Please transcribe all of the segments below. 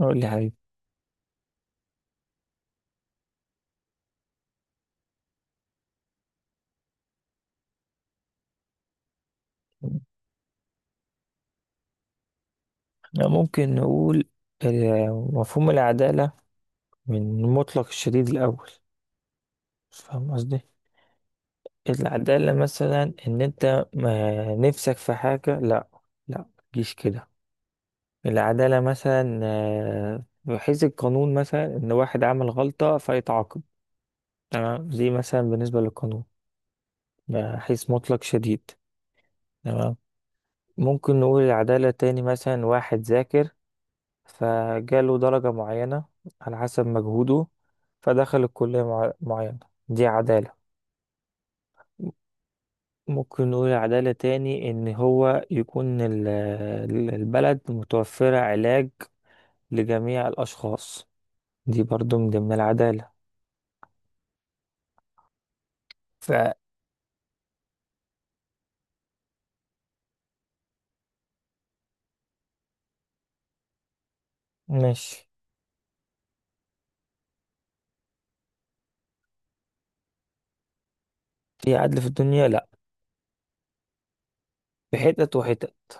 أقول لي حبيبي. إحنا ممكن نقول مفهوم العدالة من مطلق الشديد الأول. فاهم قصدي؟ العدالة مثلا إن أنت ما نفسك في حاجة، لأ، لأ، متجيش كده. العدالة مثلا، بحيث القانون مثلا إن واحد عمل غلطة فيتعاقب. تمام، دي مثلا بالنسبة للقانون، بحيث مطلق شديد. تمام. ممكن نقول العدالة تاني، مثلا واحد ذاكر فجاله درجة معينة على حسب مجهوده، فدخل الكلية معينة. دي عدالة. ممكن نقول عدالة تاني إن هو يكون البلد متوفرة علاج لجميع الأشخاص. دي برضو من ضمن العدالة. فماشي. في عدل في الدنيا؟ لأ، في حتت وحتت.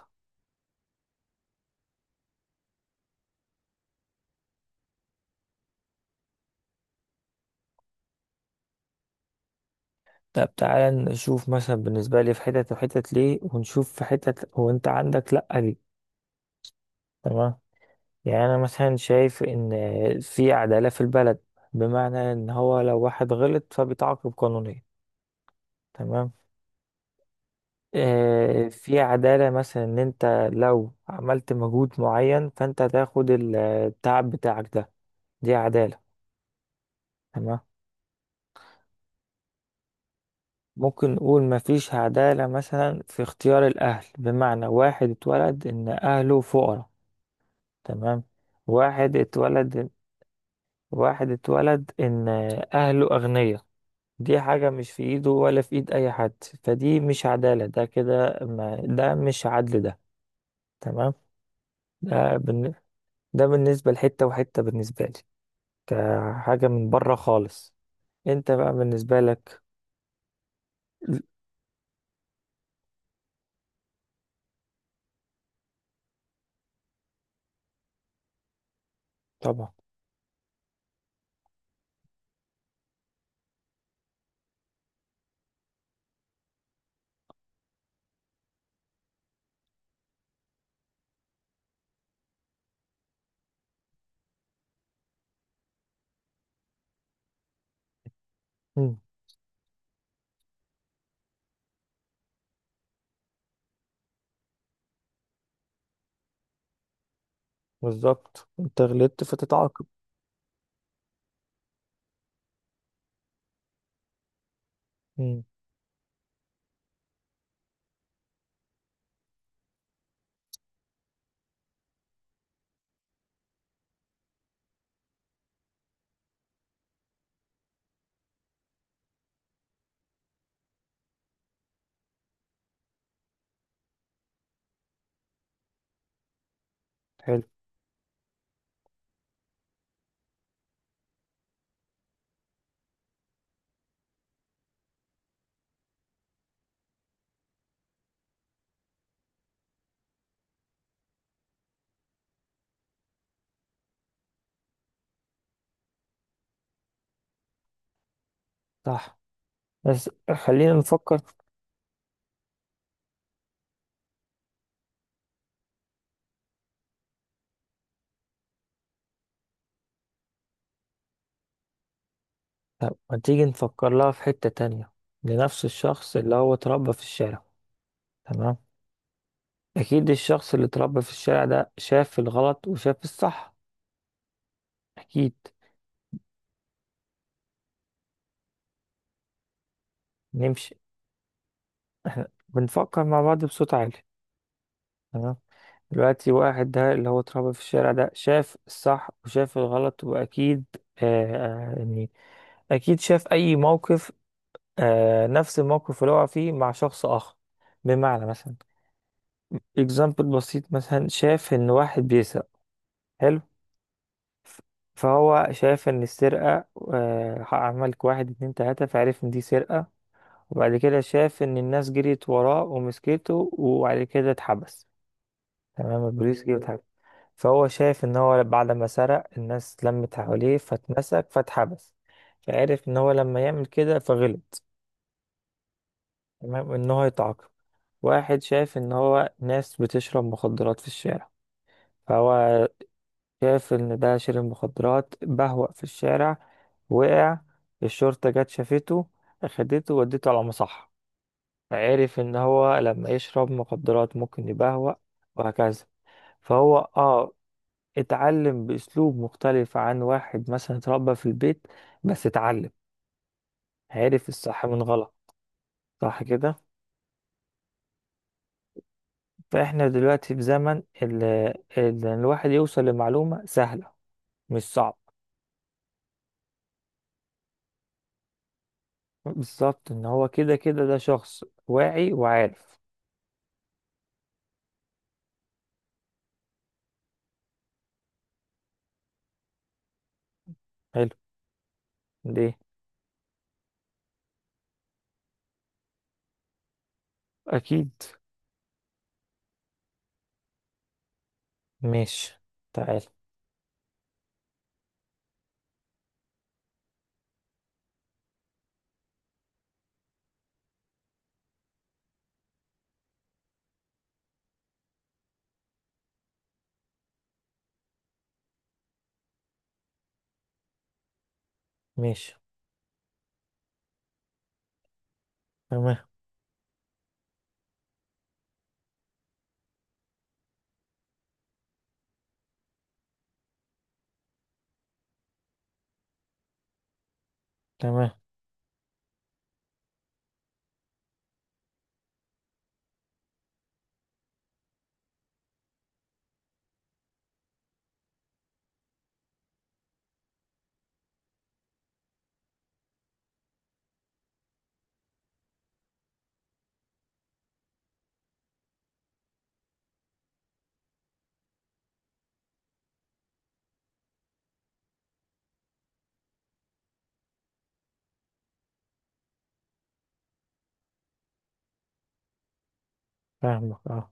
طب تعالى نشوف مثلا بالنسبة لي في حتت وحتت ليه، ونشوف في حتت وانت عندك لأ ليه. تمام. يعني أنا مثلا شايف إن في عدالة في البلد، بمعنى إن هو لو واحد غلط فبيتعاقب قانونيا. تمام. آه، في عدالة مثلا إن أنت لو عملت مجهود معين فأنت هتاخد التعب بتاعك ده. دي عدالة. تمام. ممكن نقول مفيش عدالة مثلا في اختيار الأهل، بمعنى واحد اتولد إن أهله فقراء. تمام. واحد اتولد، واحد اتولد إن أهله أغنياء. دي حاجة مش في ايده ولا في ايد اي حد. فدي مش عدالة، ده كده ما ده مش عدل ده. تمام. ده بالن... ده بالنسبة لحتة وحتة بالنسبة لي، كحاجة من بره خالص. انت بقى بالنسبة لك. طبعا. مم. بالظبط، انت غلطت فتتعاقب. مم. حلو. صح، بس خلينا نفكر. طب ما تيجي نفكر لها في حتة تانية، لنفس الشخص اللي هو اتربى في الشارع. تمام. اكيد الشخص اللي اتربى في الشارع ده شاف الغلط وشاف الصح، أكيد. نمشي. بنفكر مع بعض بصوت عالي. تمام. دلوقتي واحد ده اللي هو اتربى في الشارع ده شاف الصح وشاف الغلط، وأكيد آه يعني أكيد شاف أي موقف، آه، نفس الموقف اللي هو فيه مع شخص آخر. بمعنى مثلا example بسيط، مثلا شاف إن واحد بيسرق. حلو. ف- فهو شاف إن السرقة، آه، عملك واحد اتنين تلاتة فعرف إن دي سرقة. وبعد كده شاف إن الناس جريت وراه ومسكته، وبعد كده اتحبس. تمام، البوليس جه واتحبس. فهو شايف ان هو بعد ما سرق الناس لمت حواليه فاتمسك فاتحبس، فعرف ان هو لما يعمل كده فغلط. تمام، ان هو يتعاقب. واحد شايف ان هو ناس بتشرب مخدرات في الشارع، فهو شايف ان ده شرب مخدرات بهوأ في الشارع، وقع، الشرطة جت شافته، اخدته وديته على مصحة. فعرف ان هو لما يشرب مخدرات ممكن يبهوأ. وهكذا. فهو اتعلم بأسلوب مختلف عن واحد مثلا اتربى في البيت، بس اتعلم، عرف الصح من غلط. صح كده. فاحنا دلوقتي في زمن ان الواحد يوصل لمعلومة سهلة، مش صعب. بالظبط ان هو كده كده ده شخص واعي وعارف. حلو. ليه؟ اكيد. ماشي، تعال. ماشي. تمام. تمام. فاهمك، اه.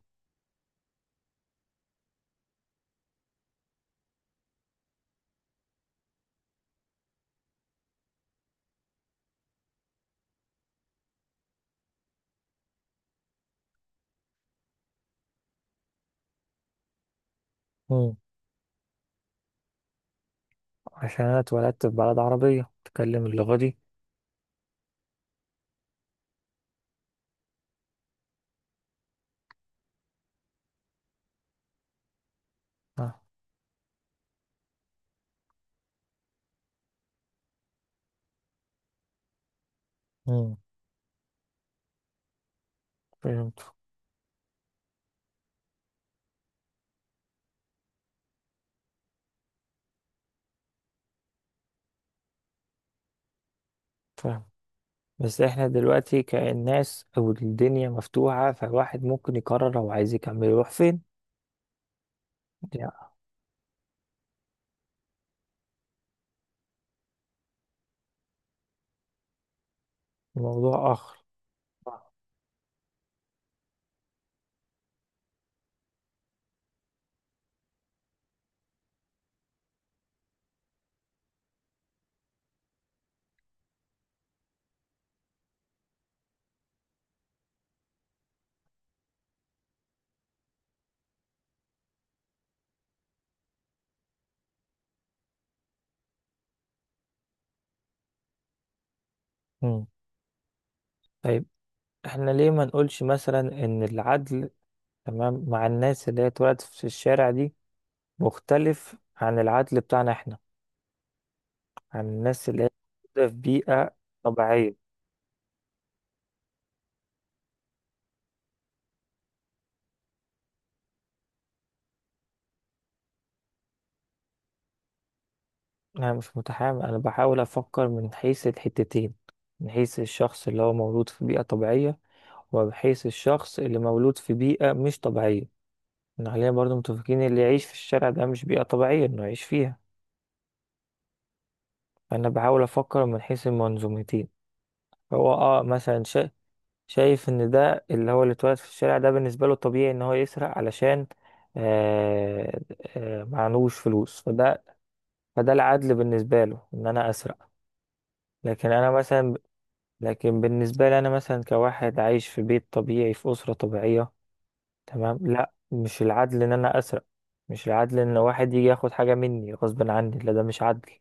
مم. عشان انا اتولدت في بلد عربية بتكلم اللغة دي. اه. مم. فهمت. فاهم، بس احنا دلوقتي كالناس او الدنيا مفتوحة، فالواحد ممكن يقرر لو عايز يكمل يروح فين. يعني موضوع اخر. مم. طيب. احنا ليه ما نقولش مثلا ان العدل، تمام، مع الناس اللي هي اتولدت في الشارع دي، مختلف عن العدل بتاعنا احنا، عن الناس اللي هي موجودة في بيئة طبيعية. انا مش متحامل، انا بحاول افكر من حيث الحتتين، من حيث الشخص اللي هو مولود في بيئة طبيعية، ومن حيث الشخص اللي مولود في بيئة مش طبيعية. إن خلينا برضو متفقين اللي يعيش في الشارع ده مش بيئة طبيعية إنه يعيش فيها. فأنا بحاول أفكر من حيث المنظومتين. هو اه مثلا شايف إن ده اللي هو اللي اتولد في الشارع ده بالنسبة له طبيعي إن هو يسرق علشان، آه معلوش فلوس، فده العدل بالنسبة له إن أنا أسرق. لكن أنا مثلا، لكن بالنسبة لي أنا مثلا كواحد عايش في بيت طبيعي في أسرة طبيعية، تمام، لا، مش العدل إن أنا أسرق. مش العدل إن واحد يجي ياخد حاجة مني غصب عني، لا، ده مش عدل.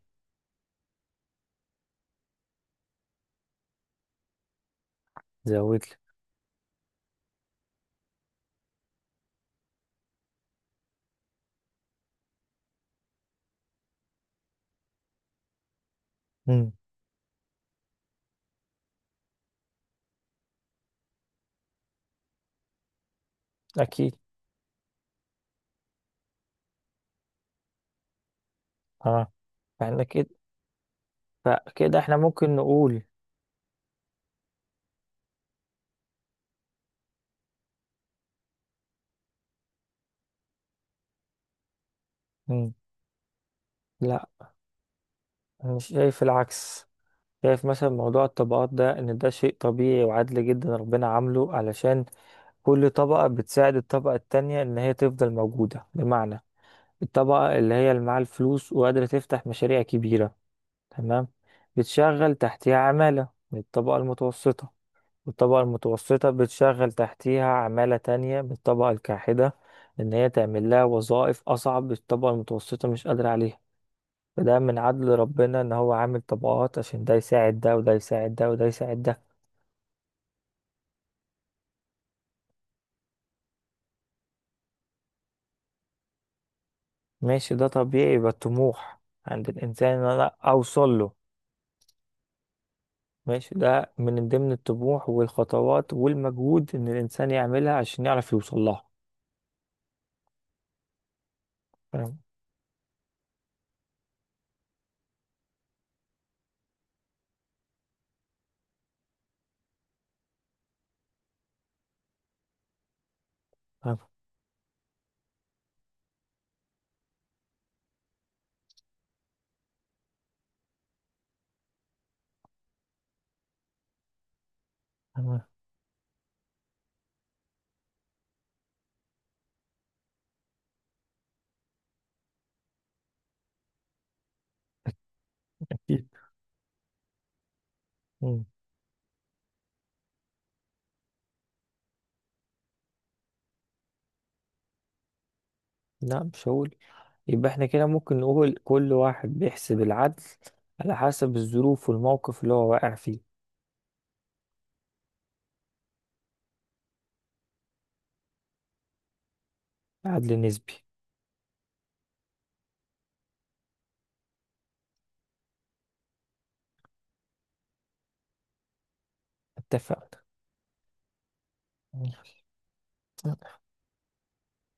زود لي. امم. اكيد. اه. احنا كده، فكده احنا ممكن نقول. امم لا، انا شايف العكس. شايف مثلا موضوع الطبقات ده ان ده شيء طبيعي وعادل جدا، ربنا عامله علشان كل طبقة بتساعد الطبقة التانية ان هي تفضل موجودة. بمعنى الطبقة اللي هي اللي معاها الفلوس وقادرة تفتح مشاريع كبيرة، تمام، بتشغل تحتها عمالة من الطبقة المتوسطة، والطبقة المتوسطة بتشغل تحتيها عمالة تانية بالطبقة الكاحدة، إن هي تعمل لها وظائف أصعب الطبقة المتوسطة مش قادرة عليها. فده من عدل ربنا إن هو عامل طبقات عشان ده يساعد ده وده يساعد ده وده يساعد ده. ماشي، ده طبيعي، يبقى الطموح عند الإنسان إن أنا أوصل له. ماشي، ده من ضمن الطموح والخطوات والمجهود إن الإنسان يعملها عشان يعرف يوصل لها. فاهم. فاهم. فاهم. أكيد. مم. لا، مش هقول. يبقى احنا كده ممكن نقول كل واحد بيحسب العدل على حسب الظروف والموقف اللي هو واقع فيه. عدل نسبي. اتفقنا.